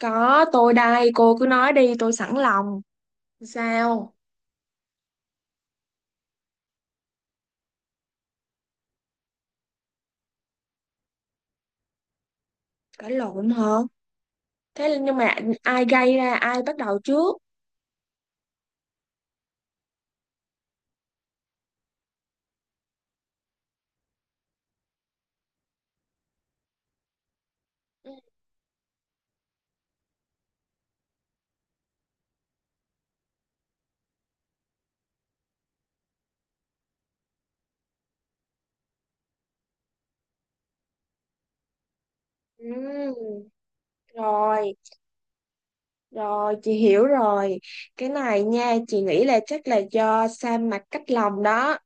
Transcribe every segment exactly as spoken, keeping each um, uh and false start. Có, tôi đây, cô cứ nói đi, tôi sẵn lòng. Sao? Cãi lộn hả? Thế nhưng mà ai gây ra, ai bắt đầu trước? Ừm, rồi, rồi, chị hiểu rồi. Cái này nha, chị nghĩ là chắc là do sa mặt cách lòng đó.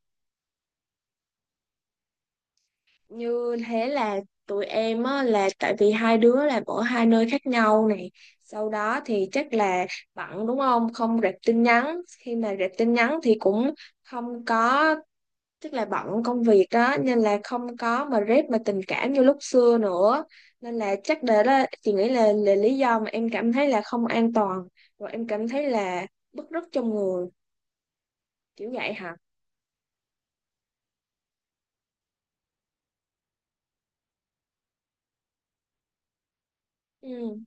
Như thế là tụi em á, là tại vì hai đứa làm ở hai nơi khác nhau này. Sau đó thì chắc là bận đúng không? Không rep tin nhắn. Khi mà rep tin nhắn thì cũng không có, tức là bận công việc đó nên là không có mà rep mà tình cảm như lúc xưa nữa, nên là chắc để đó chị nghĩ là, là lý do mà em cảm thấy là không an toàn, rồi em cảm thấy là bứt rứt trong người, kiểu vậy hả? Ừ.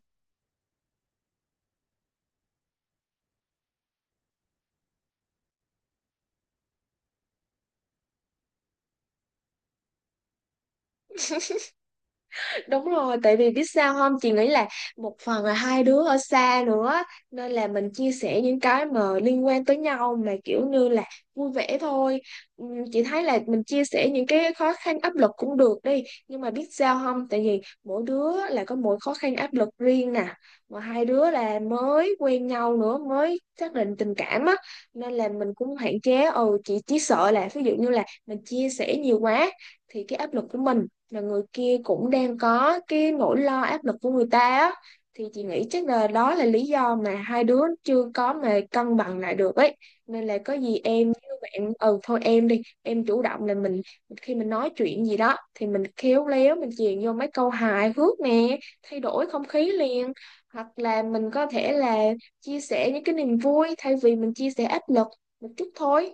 Đúng rồi, tại vì biết sao không? Chị nghĩ là một phần là hai đứa ở xa nữa, nên là mình chia sẻ những cái mà liên quan tới nhau mà kiểu như là vui vẻ thôi. Ừm, Chị thấy là mình chia sẻ những cái khó khăn áp lực cũng được đi, nhưng mà biết sao không? Tại vì mỗi đứa là có mỗi khó khăn áp lực riêng nè, mà hai đứa là mới quen nhau nữa, mới xác định tình cảm á, nên là mình cũng hạn chế. Ừ, chị chỉ sợ là ví dụ như là mình chia sẻ nhiều quá thì cái áp lực của mình, là người kia cũng đang có cái nỗi lo áp lực của người ta á, thì chị nghĩ chắc là đó là lý do mà hai đứa chưa có mà cân bằng lại được ấy. Nên là có gì em với bạn, ừ thôi em đi em chủ động là mình, khi mình nói chuyện gì đó thì mình khéo léo mình chèn vô mấy câu hài hước nè, thay đổi không khí liền, hoặc là mình có thể là chia sẻ những cái niềm vui thay vì mình chia sẻ áp lực một chút thôi.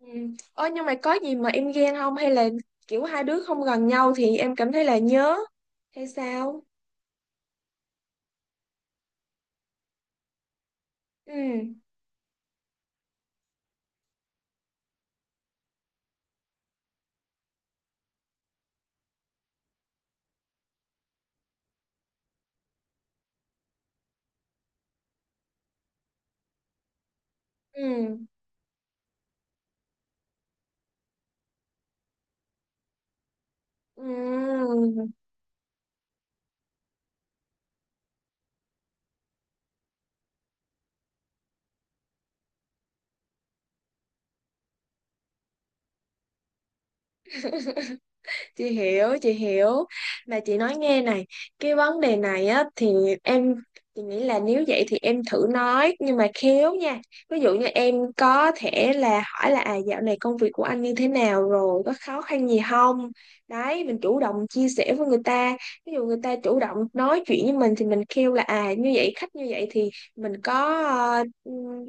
Ừ. Ơ nhưng mà có gì mà em ghen không hay là kiểu hai đứa không gần nhau thì em cảm thấy là nhớ hay sao? Ừ. Ừ. Ừ. Chị hiểu, chị hiểu Mà chị nói nghe này, cái vấn đề này á thì em, chị nghĩ là nếu vậy thì em thử nói nhưng mà khéo nha. Ví dụ như em có thể là hỏi là à dạo này công việc của anh như thế nào rồi có khó khăn gì không, đấy, mình chủ động chia sẻ với người ta. Ví dụ người ta chủ động nói chuyện với mình thì mình kêu là à như vậy khách như vậy thì mình có ờ, ừm,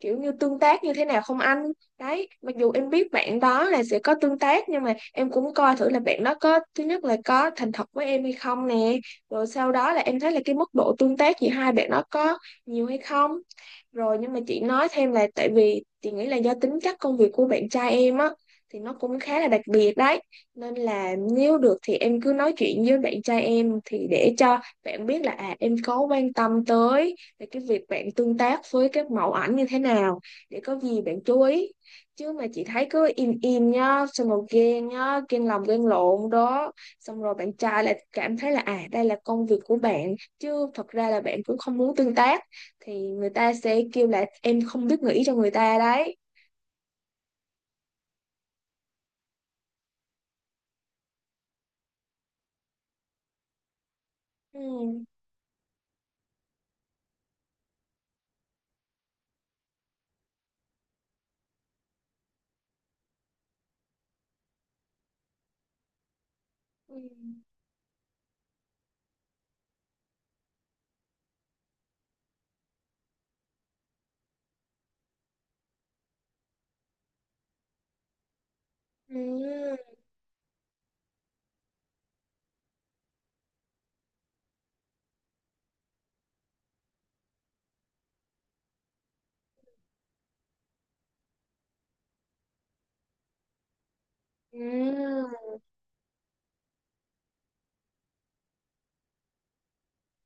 kiểu như tương tác như thế nào không anh. Đấy, mặc dù em biết bạn đó là sẽ có tương tác nhưng mà em cũng coi thử là bạn đó có, thứ nhất là có thành thật với em hay không nè, rồi sau đó là em thấy là cái mức độ tương tác giữa hai bạn đó có nhiều hay không. Rồi nhưng mà chị nói thêm là tại vì chị nghĩ là do tính chất công việc của bạn trai em á, thì nó cũng khá là đặc biệt đấy. Nên là nếu được thì em cứ nói chuyện với bạn trai em thì để cho bạn biết là à em có quan tâm tới về cái việc bạn tương tác với các mẫu ảnh như thế nào, để có gì bạn chú ý. Chứ mà chị thấy cứ im im nhá, xong rồi ghen nhá, ghen lòng ghen lộn đó. Xong rồi bạn trai lại cảm thấy là à đây là công việc của bạn chứ thật ra là bạn cũng không muốn tương tác, thì người ta sẽ kêu là em không biết nghĩ cho người ta đấy. Ừ. Ừ. Ừ.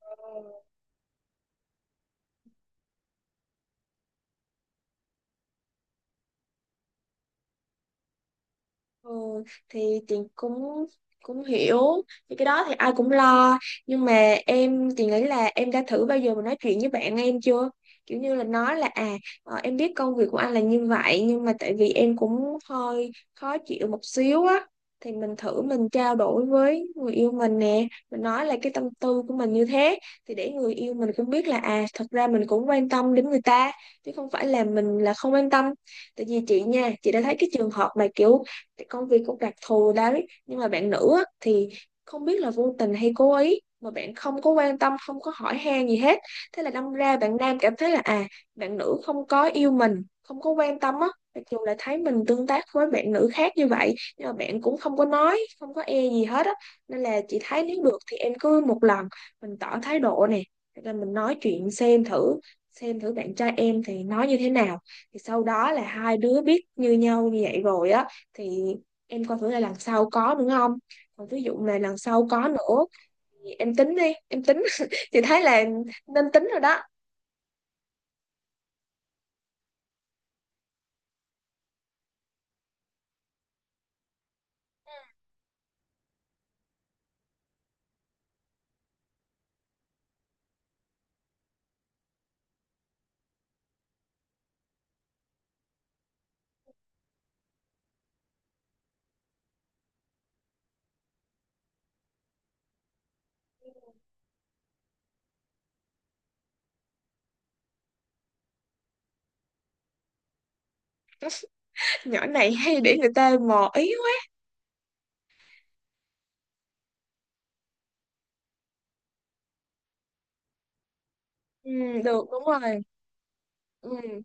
Ừ. Ừ, thì chị cũng cũng hiểu, thì cái đó thì ai cũng lo, nhưng mà em thì nghĩ là em đã thử bao giờ mà nói chuyện với bạn em chưa, kiểu như là nói là à ờ, em biết công việc của anh là như vậy nhưng mà tại vì em cũng hơi khó chịu một xíu á, thì mình thử mình trao đổi với người yêu mình nè, mình nói là cái tâm tư của mình như thế, thì để người yêu mình cũng biết là à thật ra mình cũng quan tâm đến người ta chứ không phải là mình là không quan tâm. Tại vì chị nha, chị đã thấy cái trường hợp mà kiểu cái công việc cũng đặc thù đấy nhưng mà bạn nữ á, thì không biết là vô tình hay cố ý mà bạn không có quan tâm không có hỏi han gì hết, thế là đâm ra bạn nam cảm thấy là à bạn nữ không có yêu mình không có quan tâm á, mặc dù là thấy mình tương tác với bạn nữ khác như vậy nhưng mà bạn cũng không có nói không có e gì hết á. Nên là chị thấy nếu được thì em cứ một lần mình tỏ thái độ nè, hoặc là mình nói chuyện xem thử, xem thử bạn trai em thì nói như thế nào, thì sau đó là hai đứa biết như nhau như vậy rồi á, thì em coi thử là lần sau có nữa không. Còn ví dụ mà lần sau có nữa thì em tính đi em tính thì thấy là nên tính rồi đó. Nhỏ này hay để người ta mò ý quá. Ừ, được, đúng rồi. Ừ.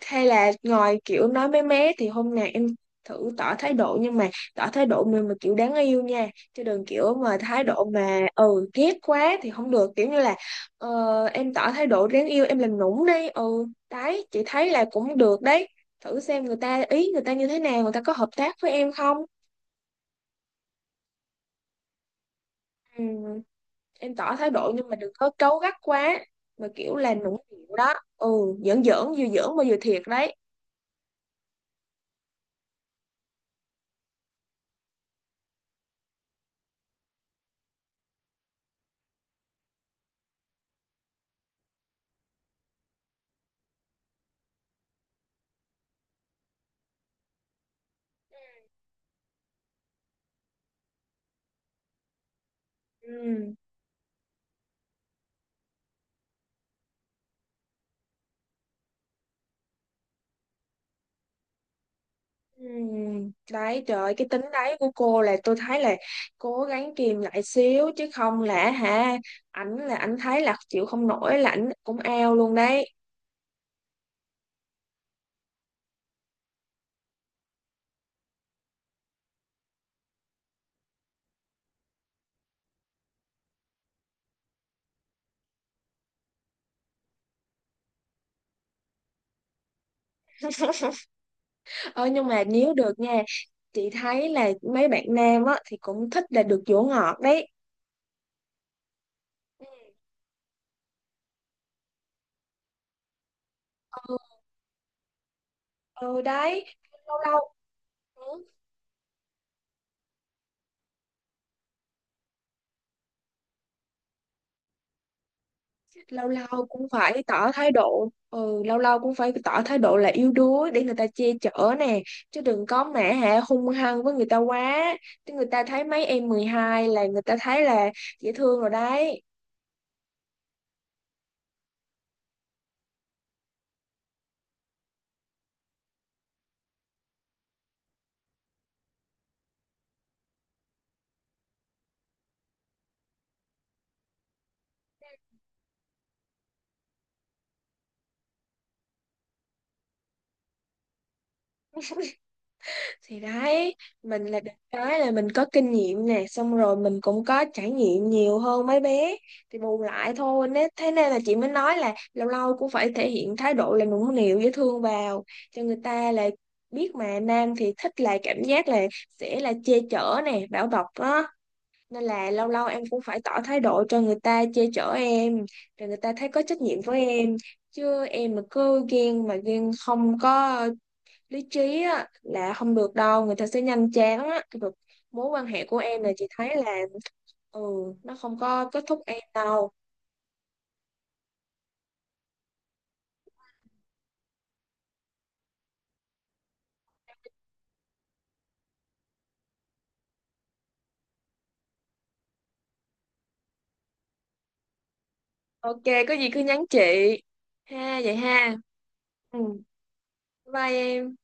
Hay là ngồi kiểu nói mé mé thì hôm nào em thử tỏ thái độ nhưng mà tỏ thái độ mà, mà kiểu đáng yêu nha, chứ đừng kiểu mà thái độ mà ừ ghét quá thì không được, kiểu như là ờ, em tỏ thái độ đáng yêu, em làm nũng đi, ừ đấy chị thấy là cũng được đấy, thử xem người ta ý người ta như thế nào, người ta có hợp tác với em không. Ừ, em tỏ thái độ nhưng mà đừng có cáu gắt quá, mà kiểu là nũng nịu đó. Ừ, giỡn giỡn, vừa giỡn mà vừa thiệt đấy. Ừ. Ừm, đấy trời ơi, cái tính đấy của cô là tôi thấy là cố gắng kìm lại xíu chứ không là hả, ảnh là ảnh thấy là chịu không nổi là ảnh cũng ao luôn đấy. Ờ nhưng mà nếu được nha, chị thấy là mấy bạn nam á thì cũng thích là được dỗ ngọt đấy. Ừ, ừ đấy, lâu lâu. Ừ. Lâu lâu cũng phải tỏ thái độ, ừ, lâu lâu cũng phải tỏ thái độ là yếu đuối để người ta che chở nè, chứ đừng có mẹ hả hung hăng với người ta quá, chứ người ta thấy mấy em mười hai là người ta thấy là dễ thương rồi đấy. Thì đấy, mình là được cái là mình có kinh nghiệm nè, xong rồi mình cũng có trải nghiệm nhiều hơn mấy bé, thì bù lại thôi, nên thế nên là chị mới nói là lâu lâu cũng phải thể hiện thái độ là nũng nịu dễ thương vào, cho người ta là biết. Mà nam thì thích là cảm giác là sẽ là che chở nè, bảo bọc đó, nên là lâu lâu em cũng phải tỏ thái độ cho người ta che chở em, rồi người ta thấy có trách nhiệm với em. Chứ em mà cứ ghen mà ghen không có lý trí á, là không được đâu, người ta sẽ nhanh chán á. Cái được mối quan hệ của em là chị thấy là, ừ, nó không có kết thúc em đâu. Ok, có gì cứ nhắn chị ha, vậy ha. Ừ, bye em.